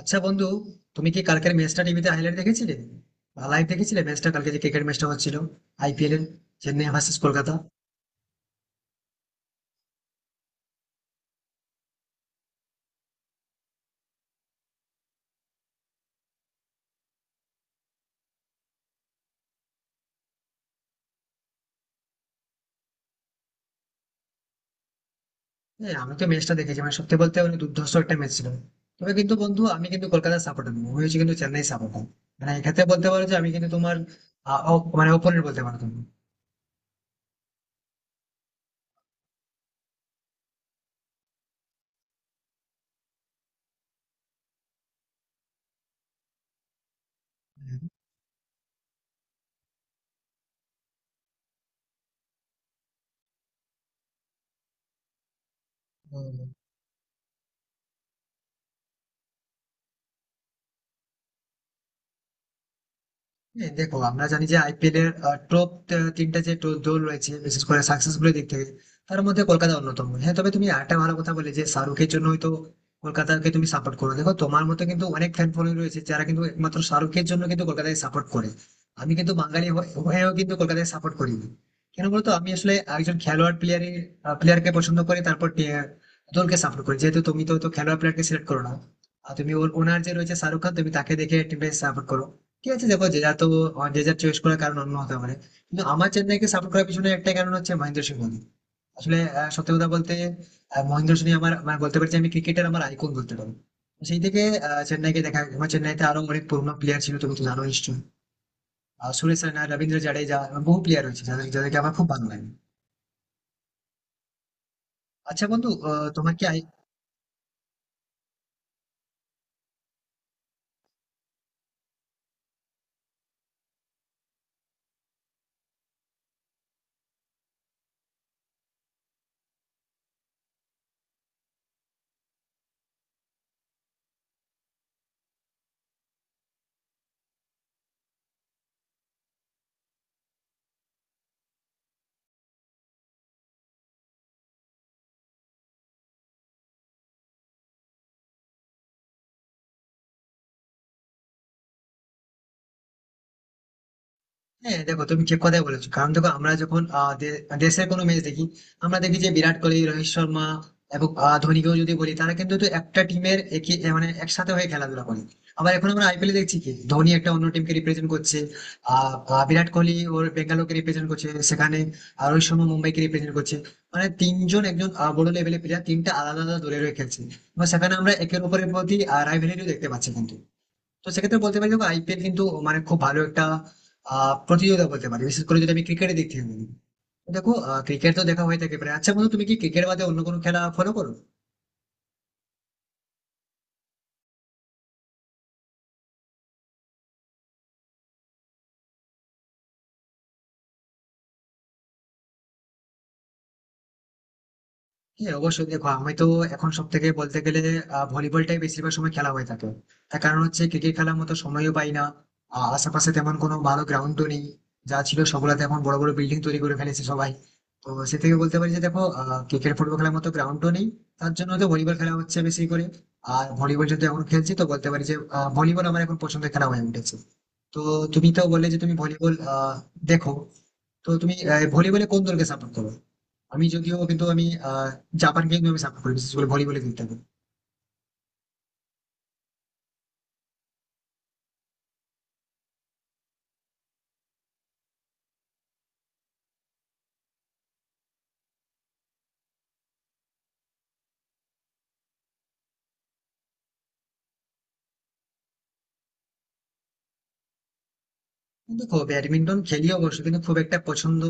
আচ্ছা বন্ধু, তুমি কি কালকের ম্যাচটা টিভিতে হাইলাইট দেখেছিলে বা লাইভ দেখেছিলে? ম্যাচটা কালকে যে ক্রিকেট ম্যাচটা হচ্ছিল আইপিএল এর, চেন্নাই ভার্সেস কলকাতা। হ্যাঁ আমি তো ম্যাচটা দেখেছি, মানে সত্যি বলতে মানে দুর্ধর্ষ একটা ম্যাচ ছিল। তবে কিন্তু বন্ধু, আমি কিন্তু কলকাতার সাপোর্টার নই, আমি হচ্ছি কিন্তু চেন্নাই সাপোর্টার। মানে এক্ষেত্রে বলতে পারো যে আমি কিন্তু তোমার মানে অপোনেন্ট বলতে পারো তুমি। হ্যাঁ, তো হ্যাঁ, দেখো আমরা জানি যে আইপিএল এর টপ তিনটা যে দল রয়েছে বিশেষ করে সাকসেসফুল দিক থেকে, তার মধ্যে কলকাতা অন্যতম। হ্যাঁ, তবে তুমি একটা ভালো কথা বলে যে শাহরুখের জন্য হয়তো কলকাতাকে তুমি সাপোর্ট করো। দেখো, তোমার মতো কিন্তু অনেক ফ্যান ফলোয়িং রয়েছে যারা কিন্তু একমাত্র শাহরুখের জন্য কিন্তু কলকাতাকে সাপোর্ট করে। আমি কিন্তু বাঙালি হয়েও কিন্তু কলকাতাকে সাপোর্ট করি না। কেন বলতো, আমি আসলে একজন খেলোয়াড় প্লেয়ারকে পছন্দ করি, তারপর দলকে সাপোর্ট করি। যেহেতু তুমি তো হয়তো খেলোয়াড় প্লেয়ারকে সিলেক্ট করো না, আর তুমি ওনার যে রয়েছে শাহরুখ খান, তুমি তাকে দেখে টিমটাকে সাপোর্ট করো। ঠিক আছে, দেখো যে যার তো যে যার চয়েস করার কারণ অন্য হতে পারে, কিন্তু আমার চেন্নাইকে সাপোর্ট করার পিছনে একটাই কারণ হচ্ছে মহেন্দ্র সিং ধোনি। আসলে সত্যি কথা বলতে মহেন্দ্র সিং আমার মানে বলতে পারছি, আমি ক্রিকেটের আমার আইকন বলতে পারো। তো সেই থেকে চেন্নাইকে দেখা, আমার চেন্নাইতে আরো অনেক পুরোনো প্লেয়ার ছিল, তুমি তো জানো নিশ্চয়ই, সুরেশ রায়না, রবীন্দ্র জাডেজা এবং বহু প্লেয়ার রয়েছে যাদের আমার খুব ভালো লাগে। আচ্ছা বন্ধু, তোমার কি? হ্যাঁ দেখো তুমি ঠিক কথাই বলেছো, কারণ দেখো আমরা যখন দেশের কোনো ম্যাচ দেখি, আমরা দেখি যে বিরাট কোহলি, রোহিত শর্মা এবং ধোনিকেও যদি বলি, তারা কিন্তু তো একটা টিমের একই এ মানে একসাথে হয়ে খেলাধুলা করে। আবার এখন আমরা আইপিএল দেখছি, কি ধোনি একটা অন্য টিমকে রিপ্রেজেন্ট করছে, আহ আহ, বিরাট কোহলি ওর বেঙ্গালোরকে রিপ্রেজেন্ট করছে সেখানে, আর রোহিত শর্মা মুম্বাইকে রিপ্রেজেন্ট করছে। মানে তিনজন একজন বড় লেভেলের প্লেয়ার তিনটা আলাদা আলাদা দলের হয়ে খেলছে, এবং সেখানে আমরা একের উপরের প্রতি রাইভেলিটিও দেখতে পাচ্ছি কিন্তু। তো সেক্ষেত্রে বলতে পারি, দেখো আইপিএল কিন্তু মানে খুব ভালো একটা প্রতিযোগিতা বলতে পারি, বিশেষ করে যদি আমি ক্রিকেটের দিক থেকে বলি। তো দেখো, ক্রিকেট তো দেখা হয়ে থাকে প্রায়। আচ্ছা বন্ধু, তুমি কি ক্রিকেট বাদে অন্য কোনো খেলা ফলো করো? হ্যাঁ অবশ্যই, দেখো আমি তো এখন সব থেকে বলতে গেলে ভলিবলটাই বেশিরভাগ সময় খেলা হয়ে থাকে। তার কারণ হচ্ছে ক্রিকেট খেলার মতো সময়ও পাই না, আশেপাশে তেমন কোনো ভালো গ্রাউন্ডও নেই, যা ছিল সবগুলাতে এখন বড় বড় বিল্ডিং তৈরি করে ফেলেছে সবাই। তো সে থেকে বলতে পারি যে দেখো, ক্রিকেট ফুটবল খেলার মতো গ্রাউন্ডও নেই, তার জন্য তো ভলিবল খেলা হচ্ছে বেশি করে। আর ভলিবল যেহেতু এখন খেলছি, তো বলতে পারি যে ভলিবল আমার এখন পছন্দের খেলা হয়ে উঠেছে। তো তুমি তো বললে যে তুমি ভলিবল দেখো, তো তুমি ভলিবলে কোন দলকে সাপোর্ট করো? আমি যদিও কিন্তু আমি আহ, জাপানকে কিন্তু আমি সাপোর্ট করি, বিশেষ করে ভলিবলে খেলতে। দেখো ব্যাডমিন্টন খেলি অবশ্য, কিন্তু খুব একটা পছন্দ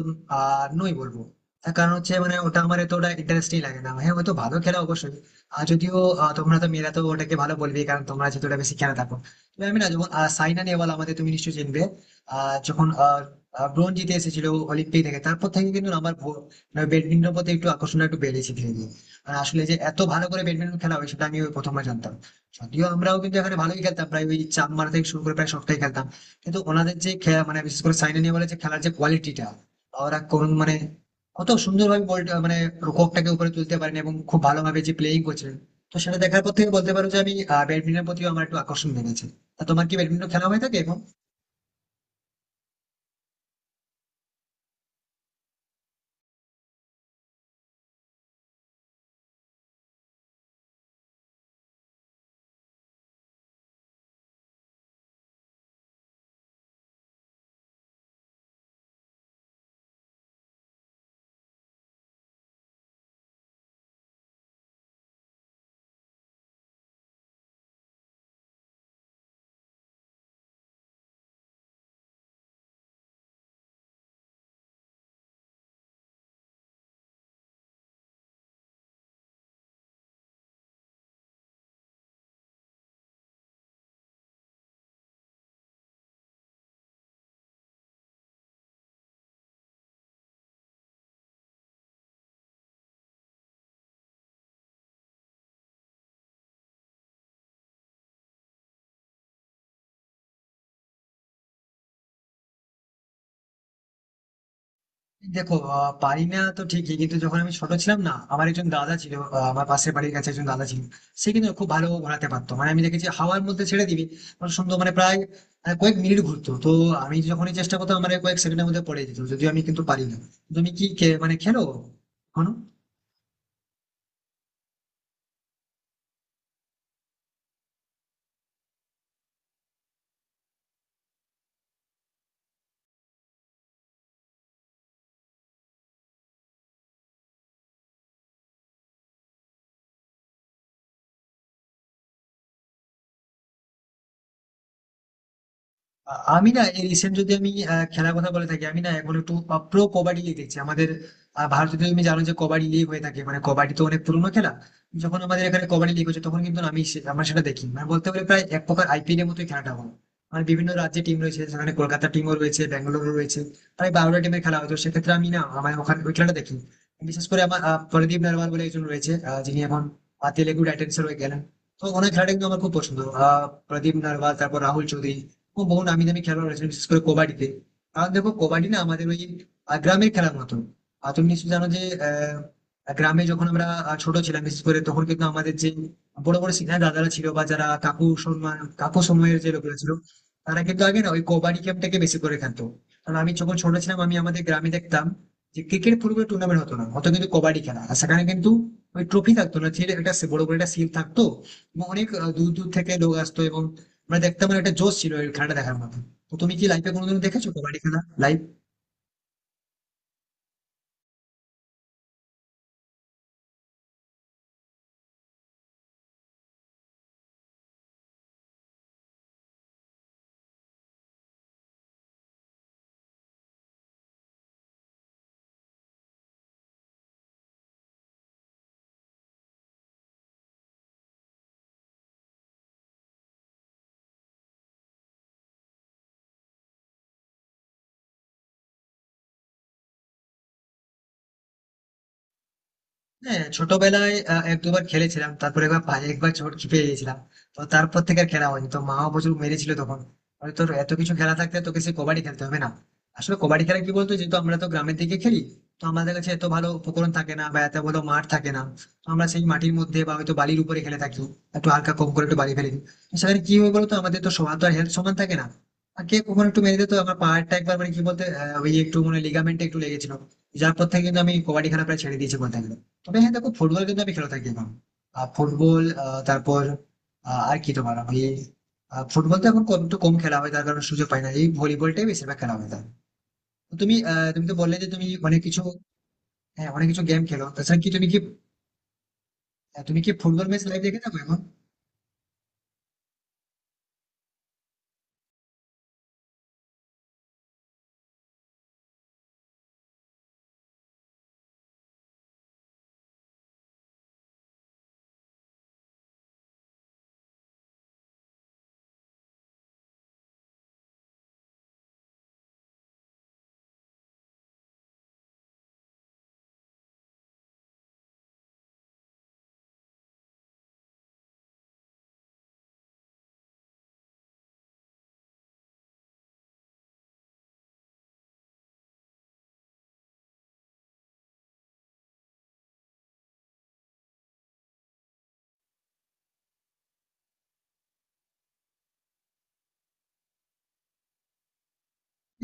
আর নই বলবো। তার কারণ হচ্ছে মানে ওটা আমার এতটা ইন্টারেস্টিং লাগে না, হ্যাঁ হয়তো ভালো খেলা অবশ্যই। আর যদিও তোমরা তো মেয়েরা তো ওটাকে ভালো বলবে, কারণ তোমরা যেহেতু ওটা বেশি খেলা থাকো। তবে আমি না যখন সাইনা নেহওয়াল আমাদের, তুমি নিশ্চয়ই চিনবে, যখন ব্রোঞ্জ জিতে এসেছিল অলিম্পিক থেকে, তারপর থেকে কিন্তু আমার ব্যাডমিন্টন প্রতি একটু আকর্ষণ একটু বেড়েছে ধীরে ধীরে। আর আসলে যে এত ভালো করে ব্যাডমিন্টন খেলা হয় সেটা আমি ওই প্রথমবার জানতাম। যদিও আমরাও কিন্তু এখানে ভালোই খেলতাম, প্রায় ওই চাপ মারা থেকে শুরু করে প্রায় সবটাই খেলতাম, কিন্তু ওনাদের যে মানে বিশেষ করে সাইনা নেহওয়ালের যে খেলার যে কোয়ালিটিটা, ওরা কোন মানে কত সুন্দরভাবে বলটা মানে রুককটাকে উপরে তুলতে পারেন এবং খুব ভালোভাবে যে প্লেয়িং করছিলেন। তো সেটা দেখার পর থেকে বলতে পারো যে আমি ব্যাডমিন্টনের প্রতিও আমার একটু আকর্ষণ বেড়েছে। তা তোমার কি ব্যাডমিন্টন খেলা হয়ে থাকে এখন? দেখো পারি না তো ঠিকই, কিন্তু যখন আমি ছোট ছিলাম না, আমার একজন দাদা ছিল, আমার পাশের বাড়ির কাছে একজন দাদা ছিল। সে কিন্তু খুব ভালো ঘোরাতে পারতো, মানে আমি দেখেছি হাওয়ার মধ্যে ছেড়ে দিবি, মানে সুন্দর মানে প্রায় কয়েক মিনিট ঘুরতো। তো আমি যখনই চেষ্টা করতাম আমার এই কয়েক সেকেন্ডের মধ্যে পড়ে যেত, যদিও আমি কিন্তু পারি না। তুমি কি মানে খেলো এখনো? আমি না এই রিসেন্ট যদি আমি খেলার কথা বলে থাকি, আমি না এখন একটু প্রো কবাডি লিগ দেখছি আমাদের। ভারতে তো তুমি জানো যে কবাডি লিগ হয়ে থাকে, মানে কবাডি তো অনেক পুরোনো খেলা। যখন আমাদের এখানে কবাডি লিগ হচ্ছে, তখন কিন্তু আমি আমরা সেটা দেখি। মানে বলতে গেলে প্রায় এক প্রকার আইপিএল এর মতোই খেলাটা হয়, মানে বিভিন্ন রাজ্যে টিম রয়েছে, সেখানে কলকাতা টিমও রয়েছে, ব্যাঙ্গালোর রয়েছে, প্রায় বারোটা টিমের খেলা হয়। তো সেক্ষেত্রে আমি না আমার ওখানে ওই খেলাটা দেখি। বিশেষ করে আমার প্রদীপ নারওয়াল বলে একজন রয়েছে, যিনি এখন তেলেগু টাইটান্সের হয়ে গেলেন। তো ওনার খেলাটা কিন্তু আমার খুব পছন্দ, প্রদীপ নারওয়াল, তারপর রাহুল চৌধুরী, এবং বহু নামি দামি খেলোয়াড় রয়েছে বিশেষ করে কবাডিতে। কারণ দেখো, কবাডি না আমাদের ওই গ্রামের খেলার মতো। আর তুমি নিশ্চয়ই জানো যে আহ, গ্রামে যখন আমরা ছোট ছিলাম, বিশেষ করে তখন কিন্তু আমাদের যে বড় বড় সিনিয়র দাদারা ছিল, বা যারা কাকু সম্মান কাকু সময়ের যে লোকেরা ছিল, তারা কিন্তু আগে না ওই কবাডি গেমটাকে বেশি করে খেলতো। কারণ আমি যখন ছোট ছিলাম, আমি আমাদের গ্রামে দেখতাম যে ক্রিকেট ফুটবল টুর্নামেন্ট হতো না, হতো কিন্তু কবাডি খেলা। আর সেখানে কিন্তু ওই ট্রফি থাকতো না, ছিল একটা বড় বড় একটা শিল থাকতো, এবং অনেক দূর দূর থেকে লোক আসতো, এবং মানে দেখতে মানে একটা জোশ ছিল এই খেলাটা দেখার মতো। তো তুমি কি লাইফে কোনোদিন দেখেছো কবাডি খেলা লাইভ? হ্যাঁ ছোটবেলায় এক দুবার খেলেছিলাম, তারপরে একবার পায়ে একবার চোট খেপে গেছিলাম। তো তারপর থেকে আর খেলা হয়নি, তো মাও প্রচুর মেরেছিল তখন, বলে, তোর এত কিছু খেলা থাকতে তোকে সে কবাডি খেলতে হবে না। আসলে কবাডি খেলা কি বলতো, যেহেতু আমরা তো গ্রামের দিকে খেলি, তো আমাদের কাছে এত ভালো উপকরণ থাকে না বা এত ভালো মাঠ থাকে না। তো আমরা সেই মাটির মধ্যে বা হয়তো বালির উপরে খেলে থাকি, একটু হালকা কম করে একটু বালি ফেলে দিই। তো সেখানে কি হয় বলতো, আমাদের তো সবার তো হেলথ সমান থাকে না, আর কে কখন একটু মেরে দিত। আমার পাহাড়টা একবার মানে কি বলতে ওই একটু মানে লিগামেন্টে একটু লেগেছিল, যার পর থেকে কিন্তু আমি কবাডি খেলা প্রায় ছেড়ে দিয়েছি বলতে গেলে। তবে হ্যাঁ দেখো, ফুটবল কিন্তু আমি খেলে থাকি এখন। আহ, ফুটবল আহ, তারপর আহ, আর কি তোমার আমি ফুটবল তো এখন কম একটু কম খেলা হয়, তার কারণে সুযোগ পাই না, এই ভলিবলটাই বেশিরভাগ খেলা হয় তার। তো তুমি তুমি তো বললে যে তুমি অনেক কিছু, হ্যাঁ অনেক কিছু গেম খেলো, তাছাড়া কি তুমি কি তুমি কি ফুটবল ম্যাচ লাইভ দেখে থাকো এখন?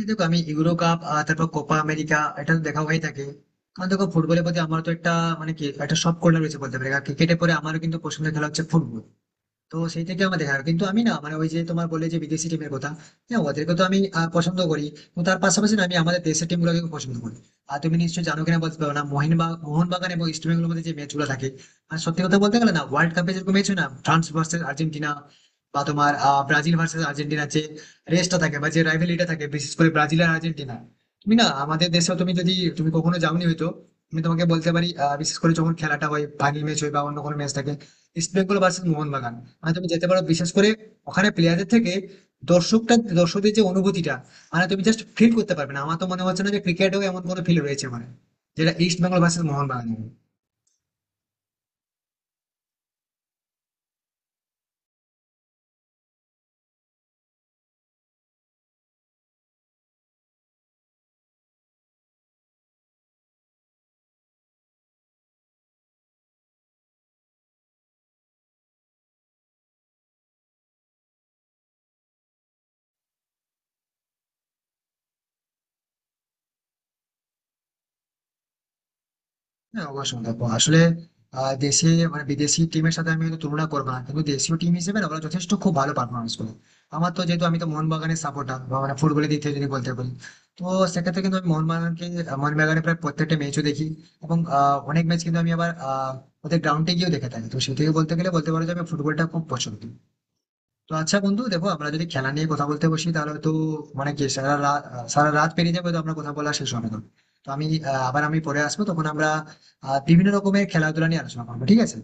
এই দেখো আমি ইউরো কাপ তারপর কোপা আমেরিকা, এটা তো দেখা হয়ে থাকে। কারণ দেখো ফুটবলের প্রতি আমার তো একটা মানে কি একটা সব কল্লা রয়েছে বলতে পারি, ক্রিকেটের পরে আমারও কিন্তু পছন্দের খেলা হচ্ছে ফুটবল। তো সেই থেকে আমার দেখা, কিন্তু আমি না মানে ওই যে তোমার বলে যে বিদেশি টিমের কথা, হ্যাঁ ওদেরকে তো আমি পছন্দ করি, এবং তার পাশাপাশি না আমি আমাদের দেশের টিম গুলোকে পছন্দ করি। আর তুমি নিশ্চয়ই জানো কিনা বলতে পারো না, মোহনবাগান এবং ইস্ট বেঙ্গলের মধ্যে যে ম্যাচ গুলো থাকে, আর সত্যি কথা বলতে গেলে না, ওয়ার্ল্ড কাপে যেরকম ম্যাচ হয় না, ফ্রান্স ভার্সেস আর্জেন্টিনা বা তোমার ব্রাজিল ভার্সেস আর্জেন্টিনা, যে রেসটা থাকে বা যে রাইভেলিটা থাকে, বিশেষ করে ব্রাজিল আর আর্জেন্টিনা। তুমি না আমাদের দেশেও, তুমি যদি তুমি কখনো যাওনি হয়তো, আমি তোমাকে বলতে পারি বিশেষ করে যখন খেলাটা হয়, ফাইনাল ম্যাচ হয় বা অন্য কোনো ম্যাচ থাকে, ইস্ট বেঙ্গল ভার্সেস মোহনবাগান, মানে তুমি যেতে পারো। বিশেষ করে ওখানে প্লেয়ারদের থেকে দর্শকদের যে অনুভূতিটা, মানে তুমি জাস্ট ফিল করতে পারবে না। আমার তো মনে হচ্ছে না যে ক্রিকেটেও এমন কোনো ফিল রয়েছে, মানে যেটা ইস্ট বেঙ্গল ভার্সেস মোহনবাগান। হ্যাঁ অবশ্যই দেখো, আসলে দেশে মানে বিদেশি টিমের সাথে আমি হয়তো তুলনা করবো না, কিন্তু দেশীয় টিম হিসেবে না, ওরা যথেষ্ট খুব ভালো পারফরমেন্স করে। আমার তো, যেহেতু আমি তো মোহনবাগানের সাপোর্টার, মানে ফুটবলের দিক থেকে যদি বলতে পারি, তো সেক্ষেত্রে কিন্তু আমি মোহনবাগানকে, মোহনবাগানের প্রায় প্রত্যেকটা ম্যাচও দেখি। এবং অনেক ম্যাচ কিন্তু আমি আবার ওদের গ্রাউন্ডে গিয়েও দেখে থাকি। তো সেই থেকে বলতে গেলে বলতে পারো যে আমি ফুটবলটা খুব পছন্দ। তো আচ্ছা বন্ধু, দেখো আমরা যদি খেলা নিয়ে কথা বলতে বসি তাহলে তো মানে কি সারা রাত, পেরিয়ে যাবে, তো আমরা কথা বলা শেষ হবে না। তো আমি আবার আমি পরে আসবো, তখন আমরা বিভিন্ন রকমের খেলাধুলা নিয়ে আলোচনা করবো, ঠিক আছে।